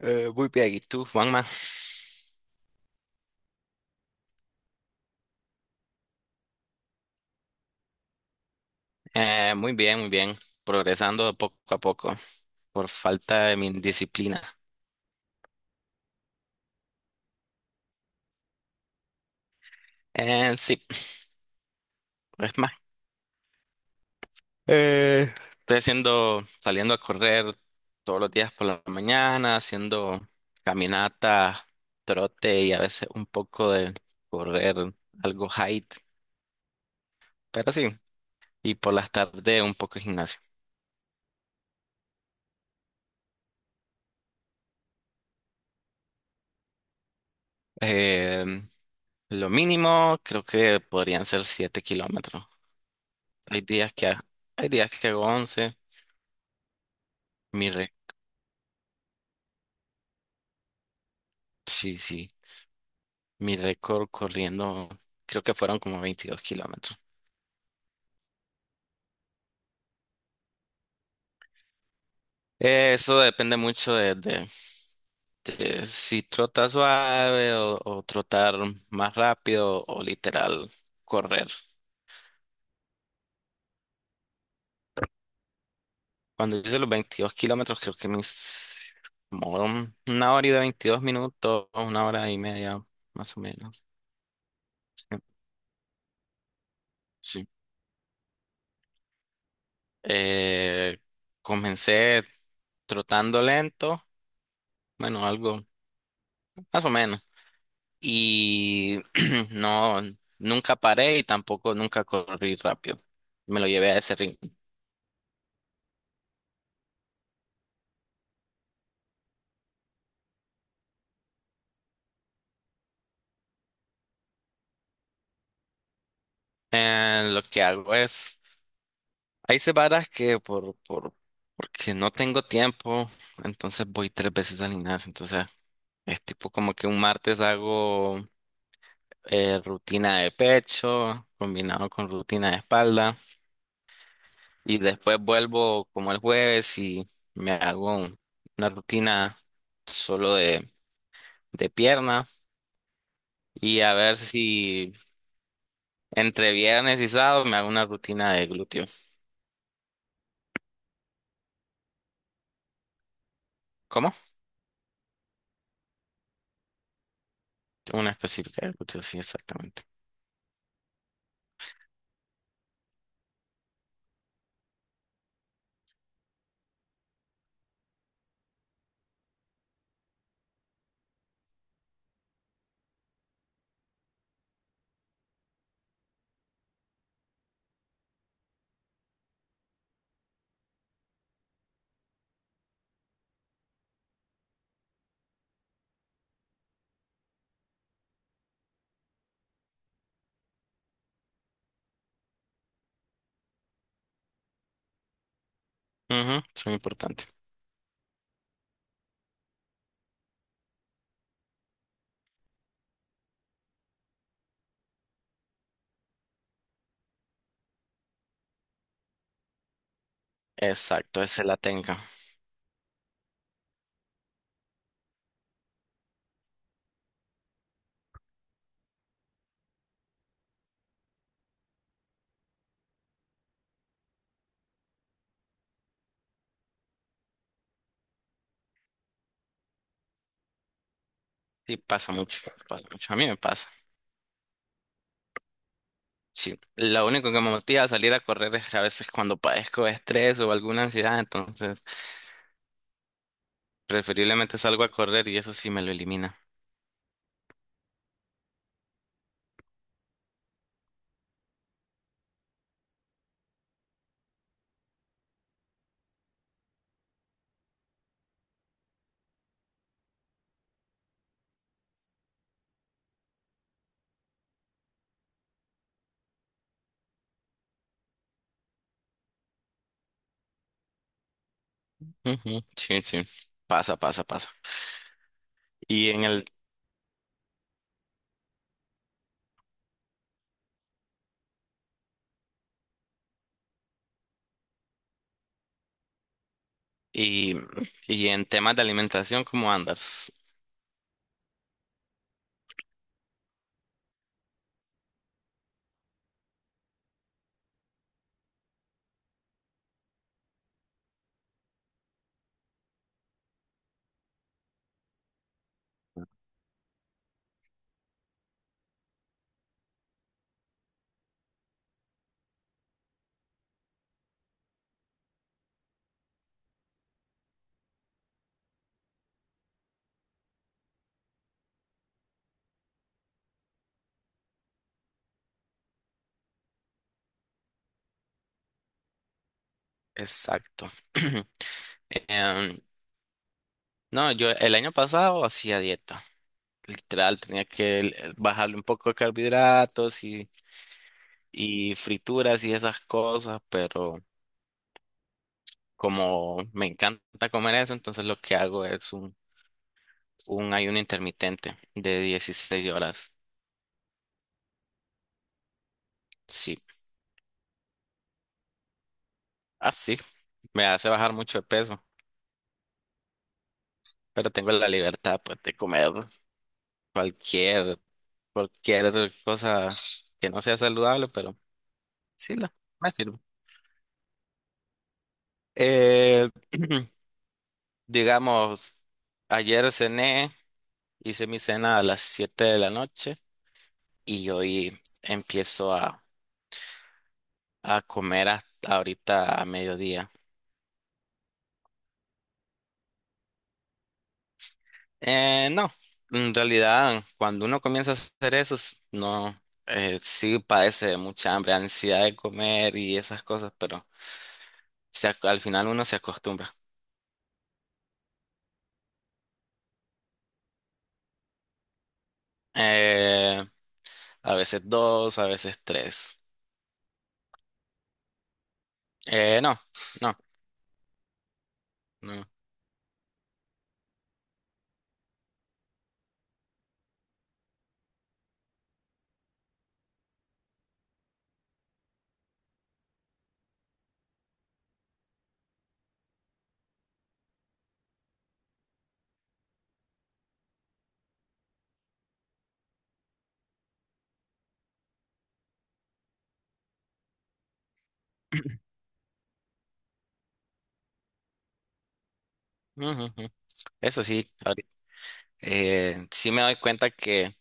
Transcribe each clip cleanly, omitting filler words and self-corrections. Muy bien, ¿y tú, Juanma? Muy bien, muy bien. Progresando poco a poco por falta de mi disciplina. Sí, es más. eh, Estoy haciendo, saliendo a correr todos los días por la mañana, haciendo caminata, trote y a veces un poco de correr, algo height, pero sí. Y por las tardes un poco de gimnasio. Eh, lo mínimo creo que podrían ser 7 kilómetros. Hay días que, hay días que hago 11. Mi re- sí, sí. Mi récord corriendo, creo que fueron como 22 kilómetros. Eso depende mucho de, de si trotas suave o trotar más rápido o literal correr. Cuando hice los 22 kilómetros, creo que mis como 1 hora y 22 minutos, una hora y media, más o menos. Sí. Eh, Comencé trotando lento, bueno, algo. Más o menos. Y no, nunca paré y tampoco nunca corrí rápido. Me lo llevé a ese ring. Lo que hago es, hay semanas porque no tengo tiempo, entonces voy tres veces al gimnasio. Entonces es tipo como que un martes hago rutina de pecho combinado con rutina de espalda y después vuelvo como el jueves y me hago un- una rutina solo de pierna. Y a ver si entre viernes y sábado me hago una rutina de glúteo. ¿Cómo? Una específica de glúteo, sí, exactamente. Ujú, es muy importante. Exacto, esa la tengo. Sí, pasa mucho, pasa mucho. A mí me pasa. Sí, lo único que me motiva a salir a correr es que a veces cuando padezco de estrés o alguna ansiedad, entonces preferiblemente salgo a correr y eso sí me lo elimina. Ujú, sí, sí, pasa, pasa, pasa. Y en el y, y en temas de alimentación, ¿cómo andas? Exacto. Em, no, yo el año pasado hacía dieta. Literal, tenía que bajarle un poco de carbohidratos y frituras y esas cosas, pero como me encanta comer eso, entonces lo que hago es un ayuno intermitente de 16 horas. Sí, así me hace bajar mucho de peso, pero tengo la libertad pues, de comer cualquier, cualquier cosa que no sea saludable, pero sí, me sirve. Eh, digamos, ayer cené, hice mi cena a las 7 de la noche y hoy empiezo a, a comer hasta ahorita a mediodía. No, en realidad cuando uno comienza a hacer eso, no, sí padece de mucha hambre, ansiedad de comer y esas cosas, pero al final uno se acostumbra. Eh, a veces dos, a veces tres. No, no, no. Ujú, ujú. Eso sí. Sí me doy cuenta que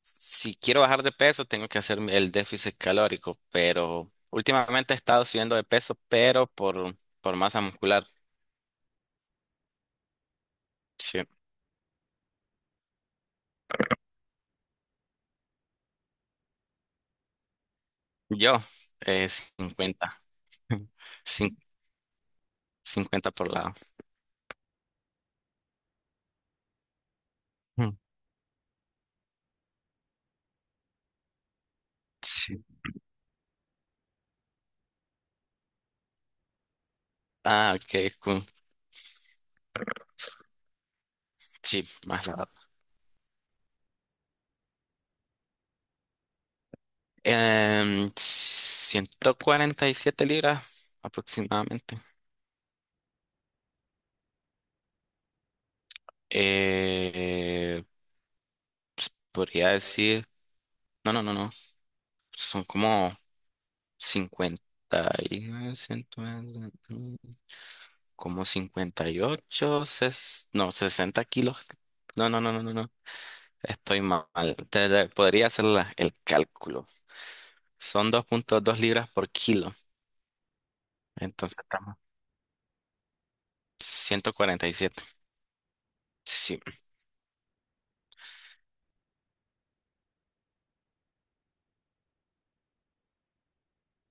si quiero bajar de peso tengo que hacer el déficit calórico, pero últimamente he estado subiendo de peso, por masa muscular. Sí. Yo, cincuenta. Cin- 50 por lado. Mm. Sí. Ah, ok, cool. Sí, más lado. 147 libras aproximadamente. Eh, Podría decir, no, no, no, no, son como 50 y 120, mm, como 58 ses- no, 60 kilos. No, no, no, no, no, no. Estoy mal. Podría hacer el cálculo. Son 2,2 libras por kilo. Entonces estamos 147. Sí.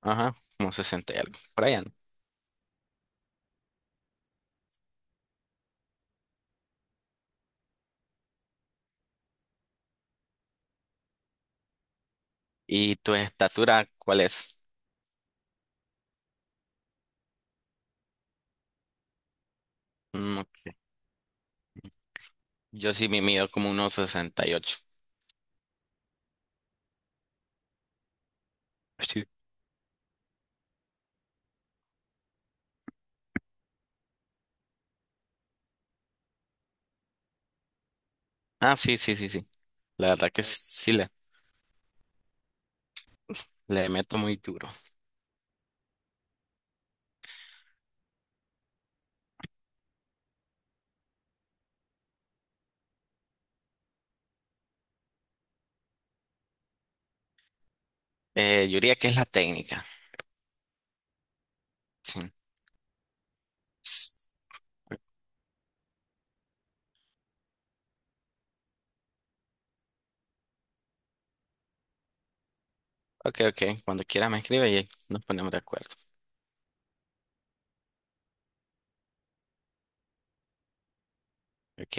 Ajá, como sesenta y algo. Por allá. ¿No? ¿Y tu estatura cuál es? Mm, ok. Yo sí me mido como unos 68. Sí. Ah, sí, sí, sí, sí. La verdad que sí le meto muy duro. Yo diría que es la técnica. Sí. S- Ok, ok. Cuando quiera me escribe y nos ponemos de acuerdo. Ok.